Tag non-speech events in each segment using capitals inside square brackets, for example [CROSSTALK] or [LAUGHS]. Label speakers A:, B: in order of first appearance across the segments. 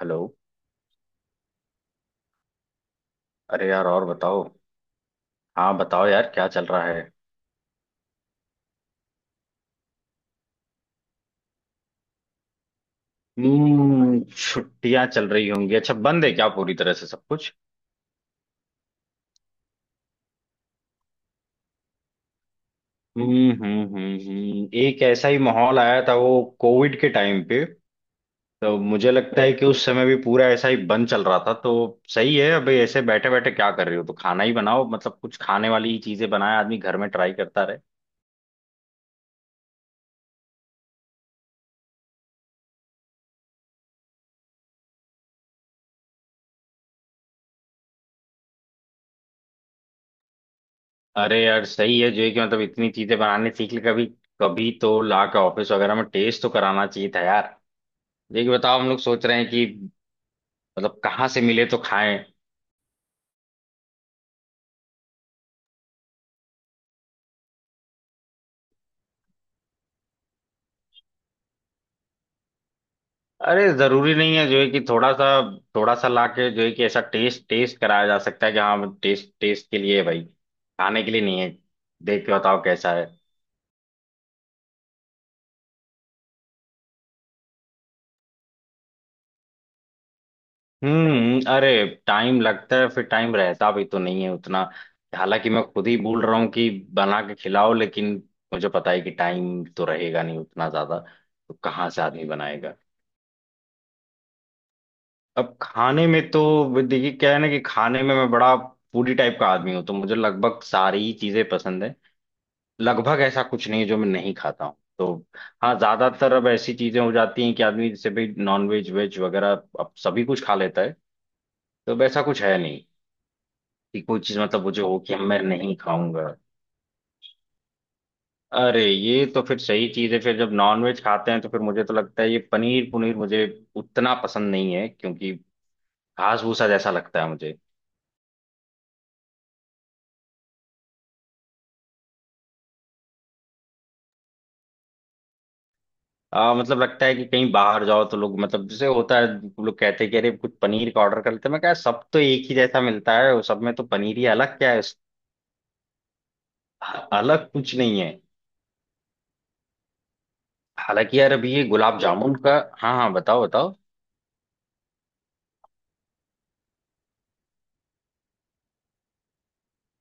A: Hello. अरे यार, और बताओ। हाँ बताओ यार, क्या चल रहा है। छुट्टियां चल रही होंगी। अच्छा, बंद है क्या पूरी तरह से सब कुछ? एक ऐसा ही माहौल आया था वो कोविड के टाइम पे, तो मुझे लगता है कि उस समय भी पूरा ऐसा ही बंद चल रहा था, तो सही है। अभी ऐसे बैठे बैठे क्या कर रहे हो, तो खाना ही बनाओ, मतलब कुछ खाने वाली ही चीजें बनाए, आदमी घर में ट्राई करता रहे। अरे यार, सही है जो है कि मतलब इतनी चीजें बनाने सीख ली, कभी कभी तो ला के ऑफिस वगैरह में टेस्ट तो कराना चाहिए था यार। देखिए बताओ, हम लोग सोच रहे हैं कि मतलब कहाँ से मिले तो खाएं। अरे, जरूरी नहीं है जो है कि थोड़ा सा लाके जो है कि ऐसा टेस्ट टेस्ट कराया जा सकता है कि हाँ, टेस्ट टेस्ट के लिए है भाई, खाने के लिए नहीं है। देख के बताओ कैसा है। अरे, टाइम लगता है, फिर टाइम रहता भी तो नहीं है उतना। हालांकि मैं खुद ही बोल रहा हूँ कि बना के खिलाओ, लेकिन मुझे पता है कि टाइम तो रहेगा नहीं उतना ज्यादा। तो कहाँ से आदमी बनाएगा। अब खाने में तो देखिए क्या है ना, कि खाने में मैं बड़ा फूडी टाइप का आदमी हूँ, तो मुझे लगभग सारी ही चीजें पसंद है। लगभग ऐसा कुछ नहीं है जो मैं नहीं खाता हूँ, तो हाँ, ज्यादातर अब ऐसी चीजें हो जाती हैं कि आदमी जैसे भाई नॉन वेज वेज वगैरह अब सभी कुछ खा लेता है, तो अब ऐसा कुछ है नहीं कि कोई चीज मतलब मुझे हो कि मैं नहीं खाऊंगा। अरे ये तो फिर सही चीज है, फिर जब नॉन वेज खाते हैं तो फिर मुझे तो लगता है ये पनीर पुनीर मुझे उतना पसंद नहीं है, क्योंकि घास भूसा जैसा लगता है मुझे। मतलब लगता है कि कहीं बाहर जाओ तो लोग मतलब जैसे होता है, लोग कहते हैं कि अरे कुछ पनीर का ऑर्डर कर लेते हैं, मैं कहा सब तो एक ही जैसा मिलता है, वो सब में तो पनीर ही अलग क्या है, अलग कुछ नहीं है। हालांकि यार, अभी ये गुलाब जामुन का। हाँ हाँ, बताओ बताओ।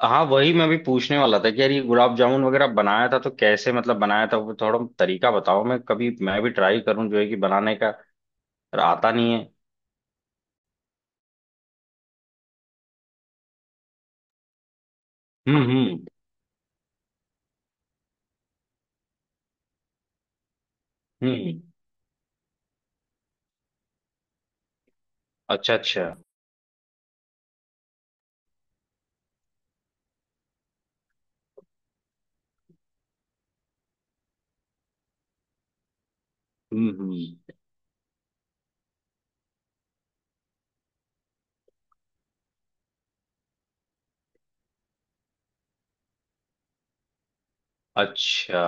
A: हाँ वही मैं भी पूछने वाला था कि यार ये गुलाब जामुन वगैरह बनाया था तो कैसे, मतलब बनाया था वो थोड़ा तरीका बताओ, मैं कभी मैं भी ट्राई करूँ जो है कि बनाने का, पर आता नहीं है। हम्म हम्म हम्म। अच्छा अच्छा। हम्म। अच्छा।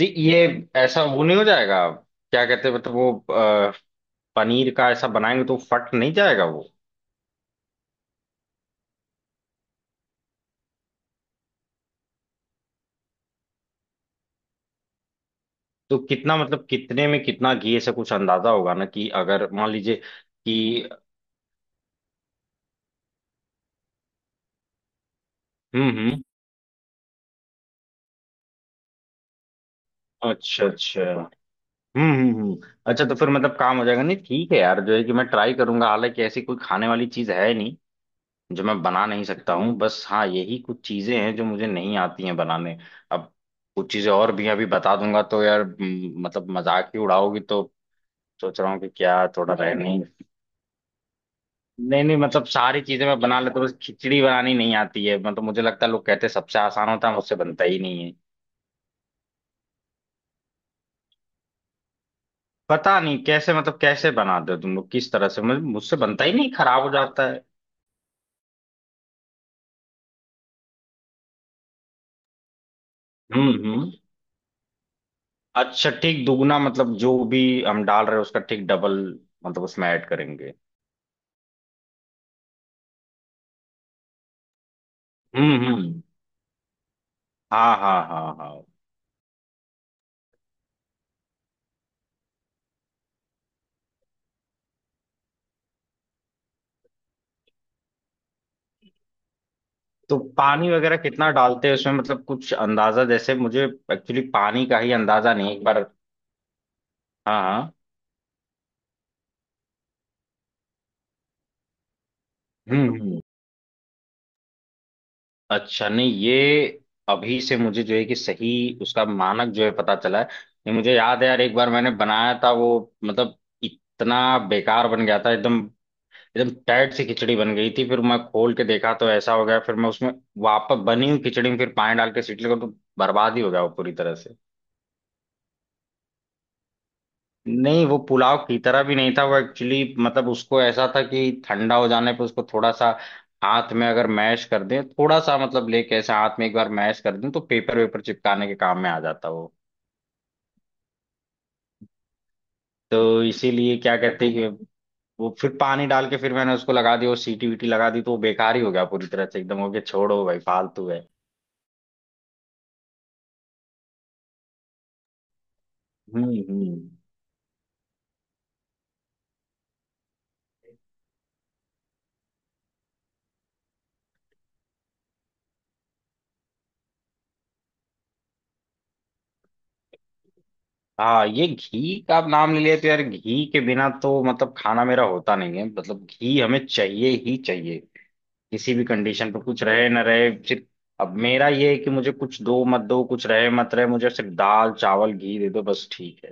A: जी, ये ऐसा वो नहीं हो जाएगा? क्या कहते हैं, मतलब वो पनीर का ऐसा बनाएंगे तो फट नहीं जाएगा वो? तो कितना, मतलब कितने में कितना घी ऐसा कुछ अंदाजा होगा ना, कि अगर मान लीजिए कि, हम्म। अच्छा अच्छा। हम्म। अच्छा, तो फिर मतलब काम हो जाएगा। नहीं, ठीक है यार जो है कि मैं ट्राई करूंगा। हालांकि ऐसी कोई खाने वाली चीज है नहीं जो मैं बना नहीं सकता हूँ, बस हाँ यही कुछ चीजें हैं जो मुझे नहीं आती हैं बनाने। अब कुछ चीजें और भी अभी बता दूंगा तो यार, मतलब मजाक ही उड़ाओगी, तो सोच रहा हूँ कि क्या थोड़ा रहनी। नहीं नहीं, मतलब सारी चीजें मैं बना लेता हूँ, बस खिचड़ी बनानी नहीं आती है, मतलब मुझे लगता है लोग कहते हैं सबसे आसान होता है, मुझसे बनता ही नहीं है। पता नहीं कैसे, मतलब कैसे बनाते हो तुम लोग किस तरह से, मुझसे बनता ही नहीं, खराब हो जाता है। हम्म। अच्छा, ठीक दुगना, मतलब जो भी हम डाल रहे हैं उसका ठीक डबल, मतलब उसमें ऐड करेंगे। हम्म। हाँ हाँ हाँ हाँ। तो पानी वगैरह कितना डालते हैं उसमें, मतलब कुछ अंदाजा जैसे मुझे, एक्चुअली पानी का ही अंदाजा नहीं है एक बार। हाँ हाँ। हम्म। अच्छा, नहीं ये अभी से मुझे जो है कि सही उसका मानक जो है पता चला है। ये मुझे याद है यार, एक बार मैंने बनाया था वो, मतलब इतना बेकार बन गया था एकदम। एकदम टाइट सी खिचड़ी बन गई थी, फिर मैं खोल के देखा तो ऐसा हो गया, फिर मैं उसमें वापस बनी हुई खिचड़ी में फिर पानी डाल के सीटी लगा तो बर्बाद ही हो गया वो पूरी तरह से। नहीं वो पुलाव की तरह भी नहीं था, वो एक्चुअली मतलब उसको ऐसा था कि ठंडा हो जाने पर उसको थोड़ा सा हाथ में अगर मैश कर दें, थोड़ा सा मतलब लेके ऐसे हाथ में एक बार मैश कर दें, तो पेपर वेपर चिपकाने के काम में आ जाता वो। तो इसीलिए क्या कहते हैं कि वो फिर पानी डाल के फिर मैंने उसको लगा दिया, वो सीटी वीटी लगा दी तो वो बेकार ही हो गया पूरी तरह से, एकदम हो गया। छोड़ो भाई, फालतू है। हम्म। हाँ ये घी का आप नाम ले लिया तो यार, घी के बिना तो मतलब खाना मेरा होता नहीं है, मतलब घी हमें चाहिए ही चाहिए। किसी भी कंडीशन पे कुछ रहे ना रहे सिर्फ, अब मेरा ये है कि मुझे कुछ दो मत दो, कुछ रहे मत रहे, मुझे सिर्फ दाल चावल घी दे दो बस, ठीक है।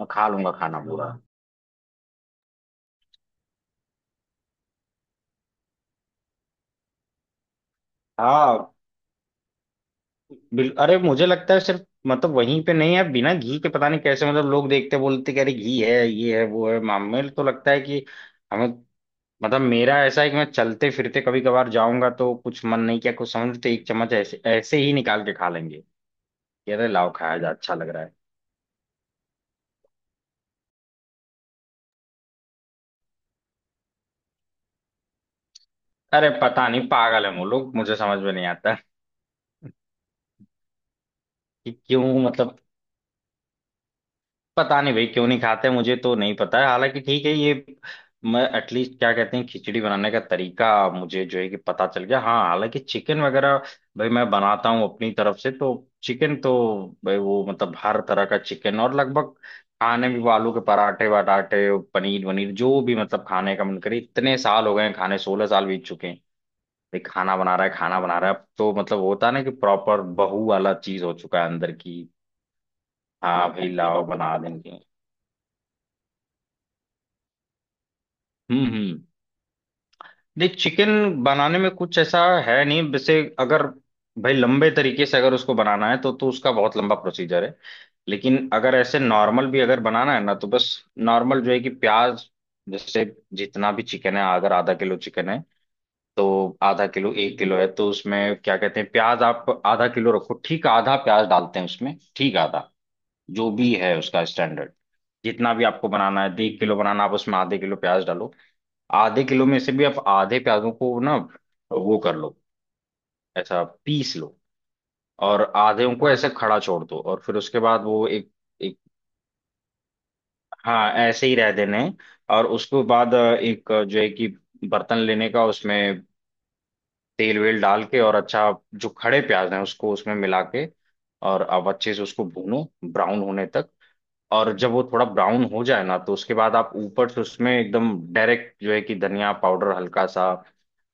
A: मैं खा लूंगा खाना पूरा। हाँ बिल अरे, मुझे लगता है सिर्फ मतलब वहीं पे नहीं है बिना घी के, पता नहीं कैसे मतलब लोग देखते बोलते कि अरे घी है ये है वो है, मामे तो लगता है कि हमें, मतलब मेरा ऐसा है कि मैं चलते फिरते कभी कभार जाऊंगा तो कुछ मन नहीं किया कुछ समझ तो एक चम्मच ऐसे ऐसे ही निकाल के खा लेंगे, कि अरे लाओ खाया जा, अच्छा लग रहा है। अरे पता नहीं, पागल है वो लोग, मुझे समझ में नहीं आता कि क्यों, मतलब पता नहीं भाई क्यों नहीं खाते, मुझे तो नहीं पता है, हालांकि ठीक है ये। मैं एटलीस्ट क्या कहते हैं, खिचड़ी बनाने का तरीका मुझे जो है कि पता चल गया। हाँ हालांकि चिकन वगैरह भाई मैं बनाता हूँ अपनी तरफ से, तो चिकन तो भाई वो मतलब हर तरह का चिकन और लगभग खाने में वो आलू के पराठे वराठे पनीर वनीर जो भी मतलब खाने का मन करे, इतने साल हो गए हैं खाने, 16 साल बीत चुके हैं। भाई खाना बना रहा है, खाना बना रहा है, अब तो मतलब होता है ना कि प्रॉपर बहू वाला चीज हो चुका है अंदर की। हाँ भाई लाओ बना देंगे। हम्म। नहीं चिकन बनाने में कुछ ऐसा है नहीं वैसे, अगर भाई लंबे तरीके से अगर उसको बनाना है तो उसका बहुत लंबा प्रोसीजर है। लेकिन अगर ऐसे नॉर्मल भी अगर बनाना है ना, तो बस नॉर्मल जो है कि प्याज, जैसे जितना भी चिकन है, अगर आधा किलो चिकन है तो आधा किलो, एक किलो है तो उसमें क्या कहते हैं प्याज आप आधा किलो रखो, ठीक आधा प्याज डालते हैं उसमें, ठीक आधा, जो भी है उसका स्टैंडर्ड। जितना भी आपको बनाना है, आधे किलो बनाना आप उसमें आधे किलो प्याज डालो। आधे किलो में से भी आप आधे प्याजों को ना वो कर लो, ऐसा पीस लो, और आधे उनको ऐसे खड़ा छोड़ दो, और फिर उसके बाद वो एक एक। हाँ ऐसे ही रह देने। और उसके बाद एक जो है कि बर्तन लेने का, उसमें तेल वेल डाल के, और अच्छा जो खड़े प्याज हैं उसको उसमें मिला के, और अब अच्छे से उसको भूनो ब्राउन होने तक। और जब वो थोड़ा ब्राउन हो जाए ना, तो उसके बाद आप ऊपर से उसमें एकदम डायरेक्ट जो है कि धनिया पाउडर हल्का सा,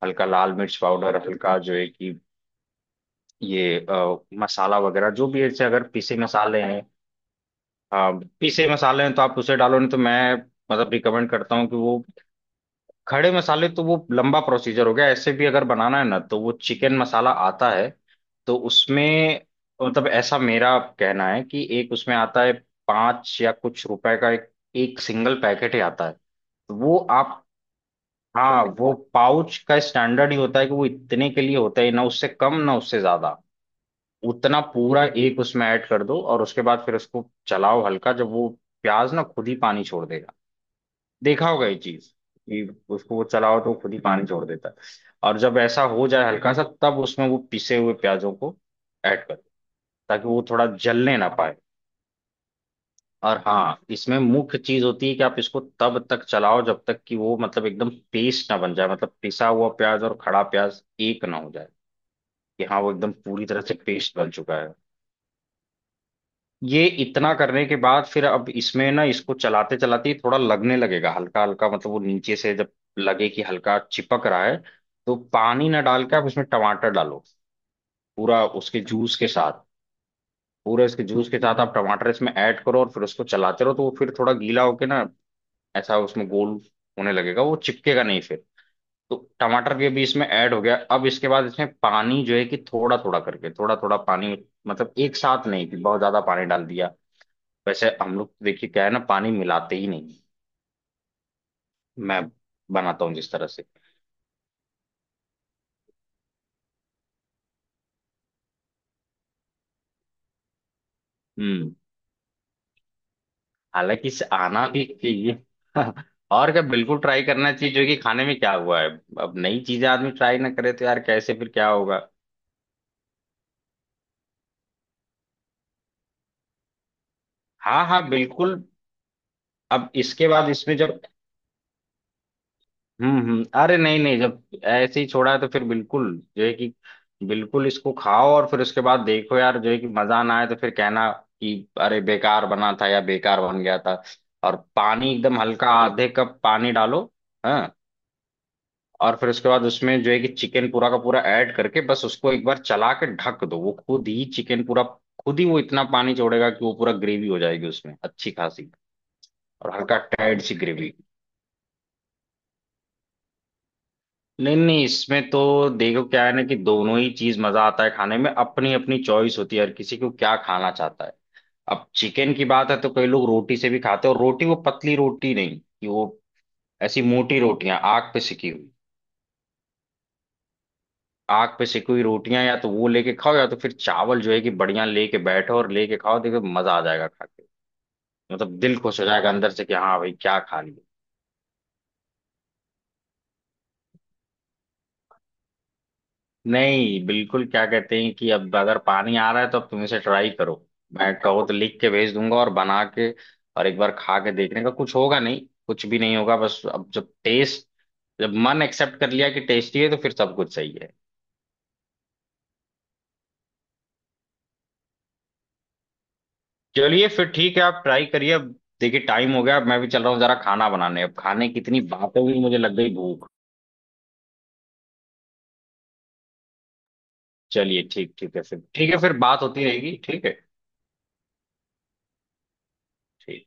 A: हल्का लाल मिर्च पाउडर हल्का, जो है कि ये मसाला वगैरह जो भी है, जैसे अगर पीसे मसाले हैं, अ, पीसे मसाले हैं तो आप उसे डालो, नहीं तो मैं मतलब रिकमेंड करता हूँ कि वो खड़े मसाले तो वो लंबा प्रोसीजर हो गया, ऐसे भी अगर बनाना है ना तो वो चिकन मसाला आता है। तो उसमें मतलब ऐसा मेरा कहना है कि एक उसमें आता है पाँच या कुछ रुपए का, एक, एक सिंगल पैकेट ही आता है। तो वो आप, हाँ वो पाउच का स्टैंडर्ड ही होता है कि वो इतने के लिए होता है, ना उससे कम ना उससे ज्यादा। उतना पूरा एक उसमें ऐड कर दो और उसके बाद फिर उसको चलाओ हल्का, जब वो प्याज ना खुद ही पानी छोड़ देगा, देखा होगा ये चीज कि उसको वो चलाओ तो खुद ही पानी छोड़ देता है। और जब ऐसा हो जाए हल्का सा तब उसमें वो पिसे हुए प्याजों को ऐड करो, ताकि वो थोड़ा जलने ना पाए। और हाँ इसमें मुख्य चीज होती है कि आप इसको तब तक चलाओ जब तक कि वो मतलब एकदम पेस्ट ना बन जाए, मतलब पिसा हुआ प्याज और खड़ा प्याज एक ना हो जाए, कि हाँ वो एकदम पूरी तरह से पेस्ट बन चुका है। ये इतना करने के बाद फिर अब इसमें ना, इसको चलाते चलाते थोड़ा लगने लगेगा हल्का हल्का, मतलब वो नीचे से जब लगे कि हल्का चिपक रहा है, तो पानी ना डाल के आप इसमें टमाटर डालो। पूरा उसके जूस के साथ, पूरे उसके जूस के साथ आप टमाटर इसमें ऐड करो, और फिर उसको चलाते रहो तो वो फिर थोड़ा गीला होके ना ऐसा उसमें गोल होने लगेगा, वो चिपकेगा नहीं फिर। तो टमाटर भी अभी इसमें ऐड हो गया, अब इसके बाद इसमें पानी जो है कि थोड़ा थोड़ा करके थोड़ा थोड़ा पानी, मतलब एक साथ नहीं कि बहुत ज्यादा पानी डाल दिया। वैसे हम लोग देखिए क्या है ना, पानी मिलाते ही नहीं मैं बनाता हूँ जिस तरह से। हम्म। हालांकि इसे आना भी चाहिए। [LAUGHS] और क्या, बिल्कुल ट्राई करना चाहिए, जो कि खाने में क्या हुआ है। अब नई चीजें आदमी ट्राई ना करे तो यार कैसे, फिर क्या होगा। हाँ हाँ बिल्कुल। अब इसके बाद इसमें जब, हम्म। अरे नहीं नहीं, जब ऐसे ही छोड़ा है तो फिर बिल्कुल जो है कि बिल्कुल इसको खाओ और फिर उसके बाद देखो यार जो है कि मजा ना आए तो फिर कहना कि अरे बेकार बना था या बेकार बन गया था। और पानी एकदम हल्का, आधे कप पानी डालो। हाँ, और फिर उसके बाद उसमें जो है कि चिकन पूरा का पूरा ऐड करके बस उसको एक बार चला के ढक दो, वो खुद ही चिकन पूरा, खुद ही वो इतना पानी छोड़ेगा कि वो पूरा ग्रेवी हो जाएगी उसमें अच्छी खासी। और हल्का टाइट सी ग्रेवी। नहीं नहीं, इसमें तो देखो क्या है ना कि दोनों ही चीज मजा आता है खाने में, अपनी अपनी चॉइस होती है हर किसी को क्या खाना चाहता है। अब चिकन की बात है तो कई लोग रोटी से भी खाते हैं, और रोटी वो पतली रोटी नहीं, कि वो ऐसी मोटी रोटियां आग पे सिकी हुई, आग पे सिकी हुई रोटियां या तो वो लेके खाओ, या तो फिर चावल जो है कि बढ़िया लेके बैठो और लेके खाओ, देखो मजा आ जाएगा खा के। मतलब दिल खुश हो जाएगा अंदर से कि हाँ भाई क्या खा लिया। नहीं बिल्कुल, क्या कहते हैं कि अब अगर पानी आ रहा है तो अब तुम इसे ट्राई करो, मैं कहो तो लिख के भेज दूंगा और बना के, और एक बार खा के देखने का कुछ होगा नहीं, कुछ भी नहीं होगा बस, अब जब टेस्ट, जब मन एक्सेप्ट कर लिया कि टेस्टी है तो फिर सब कुछ सही है। चलिए फिर ठीक है, आप ट्राई करिए। अब देखिए टाइम हो गया, अब मैं भी चल रहा हूँ जरा खाना बनाने, अब खाने की इतनी बातें हुई मुझे लग गई भूख। चलिए ठीक, ठीक है फिर, ठीक है फिर बात होती रहेगी, ठीक है। ठीक।